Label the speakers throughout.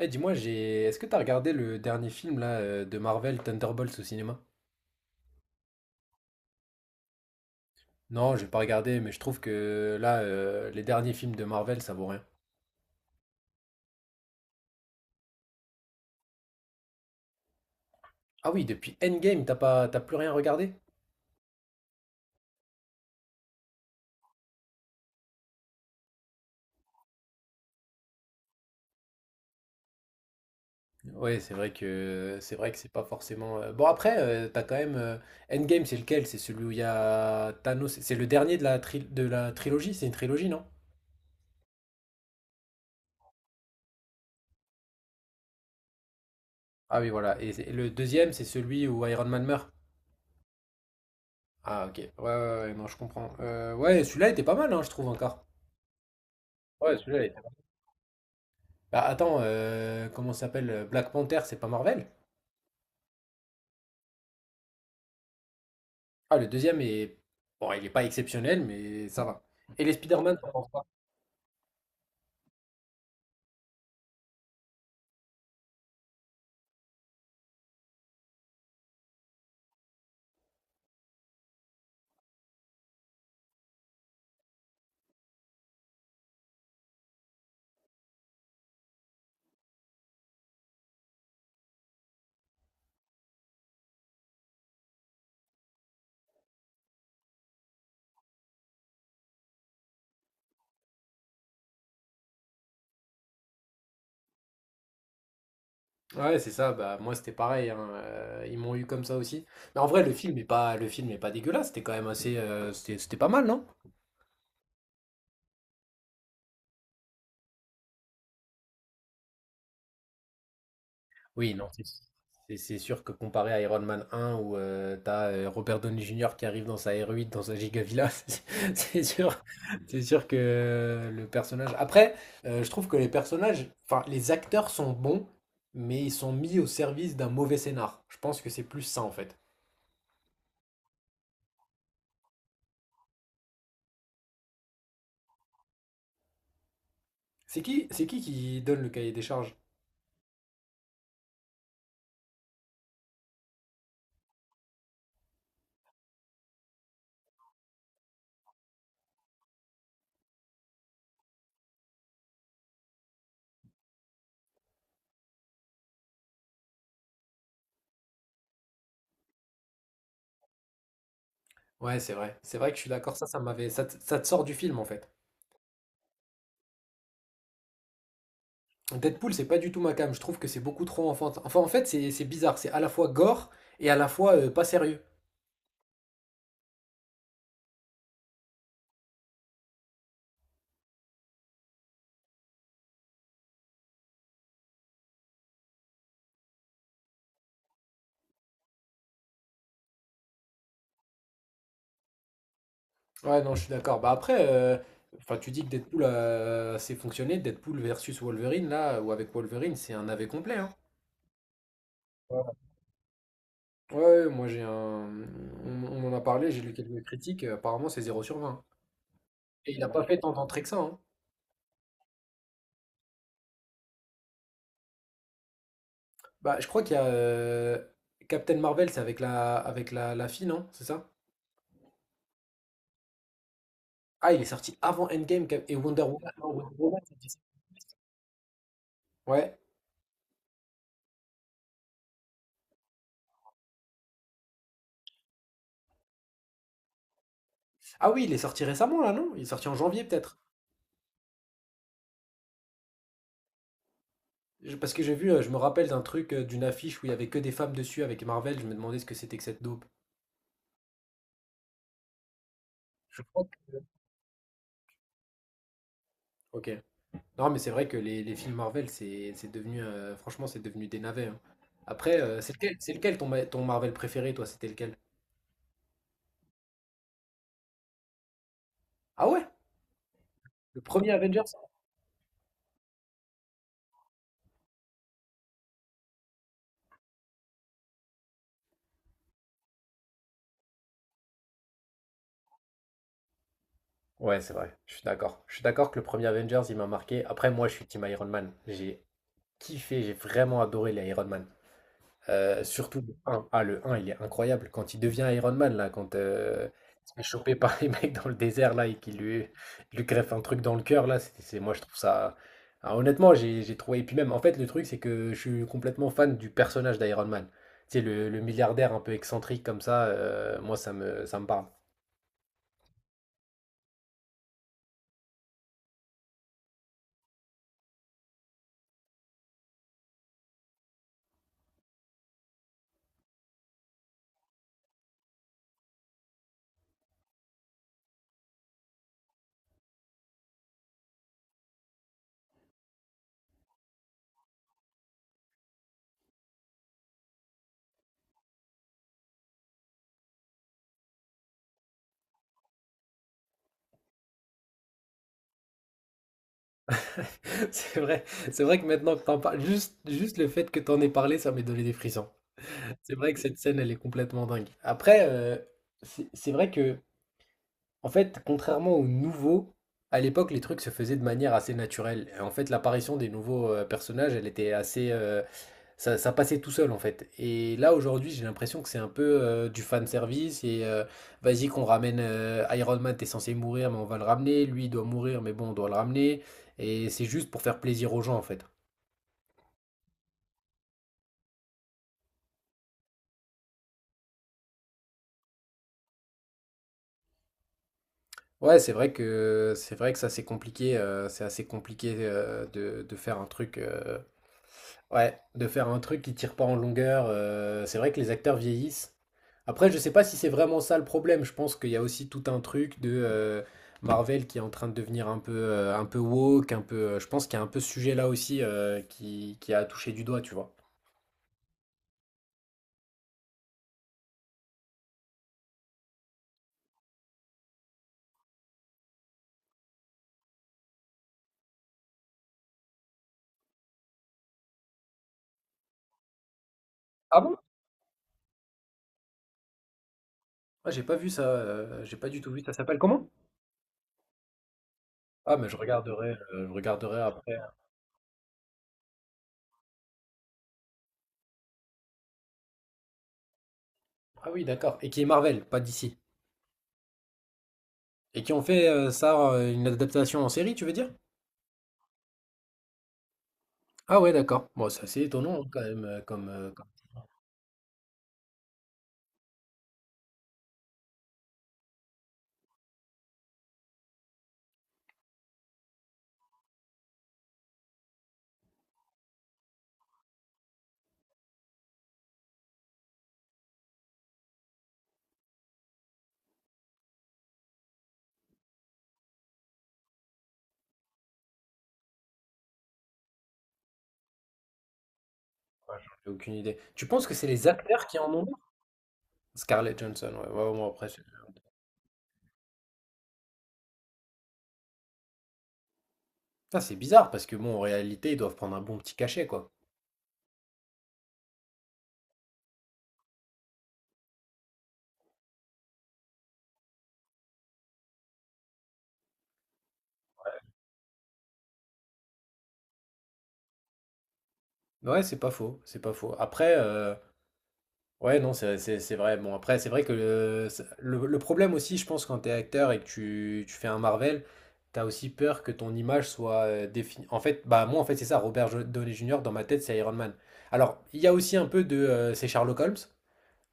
Speaker 1: Eh, dis-moi, est-ce que t'as regardé le dernier film là de Marvel, Thunderbolts au cinéma? Non, j'ai pas regardé, mais je trouve que là, les derniers films de Marvel, ça vaut rien. Ah oui, depuis Endgame, t'as plus rien regardé? Ouais, c'est vrai que c'est pas forcément Bon après, t'as quand même Endgame, c'est lequel? C'est celui où il y a Thanos. C'est le dernier de la de la trilogie. C'est une trilogie, non? Ah oui, voilà. Et le deuxième, c'est celui où Iron Man meurt. Ah ok. Ouais, ouais, ouais, non, je comprends. Ouais, celui-là était pas mal, hein, je trouve encore. Ouais, celui-là. Bah attends, comment ça s'appelle? Black Panther, c'est pas Marvel? Ah, le deuxième est. Bon, il est pas exceptionnel, mais ça va. Et les Spider-Man, t'en penses quoi? Ouais, c'est ça, bah moi c'était pareil, hein, ils m'ont eu comme ça aussi. Mais en vrai, le film est pas dégueulasse, c'était quand même assez C'était pas mal, non? Oui, non. C'est c'est sûr que comparé à Iron Man 1 où t'as Robert Downey Jr. qui arrive dans sa R8, dans sa Gigavilla, c'est sûr, c'est sûr que le personnage. Après, je trouve que les personnages, enfin les acteurs sont bons, mais ils sont mis au service d'un mauvais scénar. Je pense que c'est plus ça en fait. C'est qui donne le cahier des charges? Ouais, c'est vrai. C'est vrai que je suis d'accord. Ça te sort du film en fait. Deadpool, c'est pas du tout ma came. Je trouve que c'est beaucoup trop enfantin. Enfin, en fait, c'est bizarre. C'est à la fois gore et à la fois pas sérieux. Ouais, non, je suis d'accord. Bah après, enfin, tu dis que Deadpool a assez fonctionné. Deadpool versus Wolverine, là, ou avec Wolverine, c'est un AV complet, hein. Ouais, ouais, moi j'ai un. On, en a parlé, j'ai lu quelques critiques. Apparemment, c'est zéro sur 20. Et il n'a pas fait tant d'entrées que ça, hein. Bah, je crois qu'il y a Captain Marvel, c'est avec la fille, non? C'est ça? Ah, il est sorti avant Endgame et Wonder Woman. Non, Wonder Woman, c'est Ouais. Ah oui, il est sorti récemment là, non? Il est sorti en janvier peut-être. Parce que j'ai vu, je me rappelle d'un truc, d'une affiche où il y avait que des femmes dessus avec Marvel. Je me demandais ce que c'était que cette dope. Je crois que- Ok. Non, mais c'est vrai que les films Marvel, c'est devenu, franchement, c'est devenu des navets, hein. Après, c'est lequel ton, ton Marvel préféré, toi? C'était lequel? Ah ouais? Le premier Avengers? Ouais, c'est vrai. Je suis d'accord. Je suis d'accord que le premier Avengers, il m'a marqué. Après, moi, je suis Team Iron Man. J'ai kiffé, j'ai vraiment adoré les Iron Man. Surtout le un. Ah, le un il est incroyable. Quand il devient Iron Man, là, quand il se fait choper par les mecs dans le désert, là, et lui greffe un truc dans le cœur, là, moi, je trouve ça. Ah, honnêtement, j'ai trouvé. Et puis même, en fait, le truc, c'est que je suis complètement fan du personnage d'Iron Man. Tu sais, le milliardaire un peu excentrique comme ça, moi, ça me parle. C'est vrai, c'est vrai que maintenant que t'en parles, juste le fait que t'en aies parlé, ça m'est donné des frissons. C'est vrai que cette scène, elle est complètement dingue. Après, c'est vrai que en fait, contrairement aux nouveaux, à l'époque, les trucs se faisaient de manière assez naturelle. Et en fait, l'apparition des nouveaux personnages, elle était assez, ça passait tout seul en fait. Et là, aujourd'hui, j'ai l'impression que c'est un peu du fan service et vas-y qu'on ramène Iron Man, t'es censé mourir, mais on va le ramener. Lui, il doit mourir, mais bon, on doit le ramener. Et c'est juste pour faire plaisir aux gens en fait. Ouais, c'est vrai que ça c'est compliqué, c'est assez compliqué de faire un truc. Ouais, de faire un truc qui tire pas en longueur. C'est vrai que les acteurs vieillissent. Après, je sais pas si c'est vraiment ça le problème. Je pense qu'il y a aussi tout un truc de Marvel qui est en train de devenir un peu woke, un peu. Je pense qu'il y a un peu ce sujet-là aussi qui a touché du doigt, tu vois. Ah bon? Ah, j'ai pas vu ça. J'ai pas du tout vu. Ça s'appelle comment? Ah, mais je regarderai. Je regarderai après. Ah oui, d'accord. Et qui est Marvel, pas d'ici. Et qui ont fait une adaptation en série, tu veux dire? Ah ouais, d'accord. Bon, c'est assez étonnant hein, quand même Ouais, j'en ai aucune idée. Tu penses que c'est les acteurs qui en ont marre? Scarlett Johansson, ouais, ouais, moi après, c'est Putain, c'est bizarre parce que bon, en réalité, ils doivent prendre un bon petit cachet, quoi. Ouais, c'est pas faux. Après, ouais, non, c'est vrai. Bon, après, c'est vrai que le problème aussi, je pense, quand t'es acteur et que tu fais un Marvel, t'as aussi peur que ton image soit définie. En fait, bah, moi, en fait, c'est ça, Downey Jr., dans ma tête, c'est Iron Man. Alors, il y a aussi un peu de. C'est Sherlock Holmes.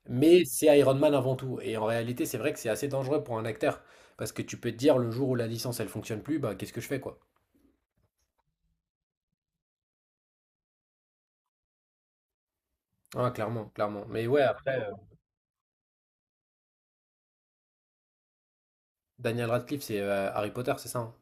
Speaker 1: Mais c'est Iron Man avant tout. Et en réalité, c'est vrai que c'est assez dangereux pour un acteur. Parce que tu peux te dire, le jour où la licence, elle fonctionne plus, bah qu'est-ce que je fais, quoi? Ah, clairement, clairement. Mais ouais, après, Daniel Radcliffe, c'est Harry Potter, c'est ça, hein?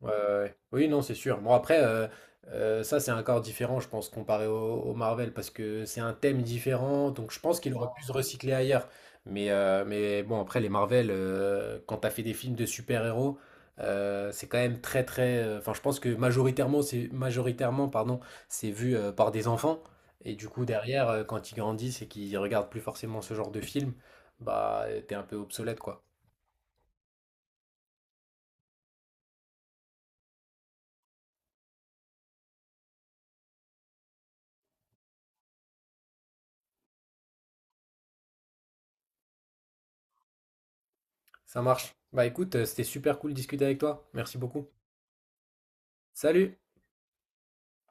Speaker 1: Ouais, ouais, ouais. Oui, non, c'est sûr. Bon, après, ça, c'est encore différent, je pense, comparé au, au Marvel, parce que c'est un thème différent, donc je pense qu'il aurait pu se recycler ailleurs. Mais bon, après, les Marvel, quand t'as fait des films de super-héros, c'est quand même très... Enfin, je pense que majoritairement, c'est majoritairement, pardon, c'est vu par des enfants. Et du coup, derrière, quand ils grandissent et qu'ils regardent plus forcément ce genre de film, bah, t'es un peu obsolète, quoi. Ça marche. Bah écoute, c'était super cool de discuter avec toi. Merci beaucoup. Salut.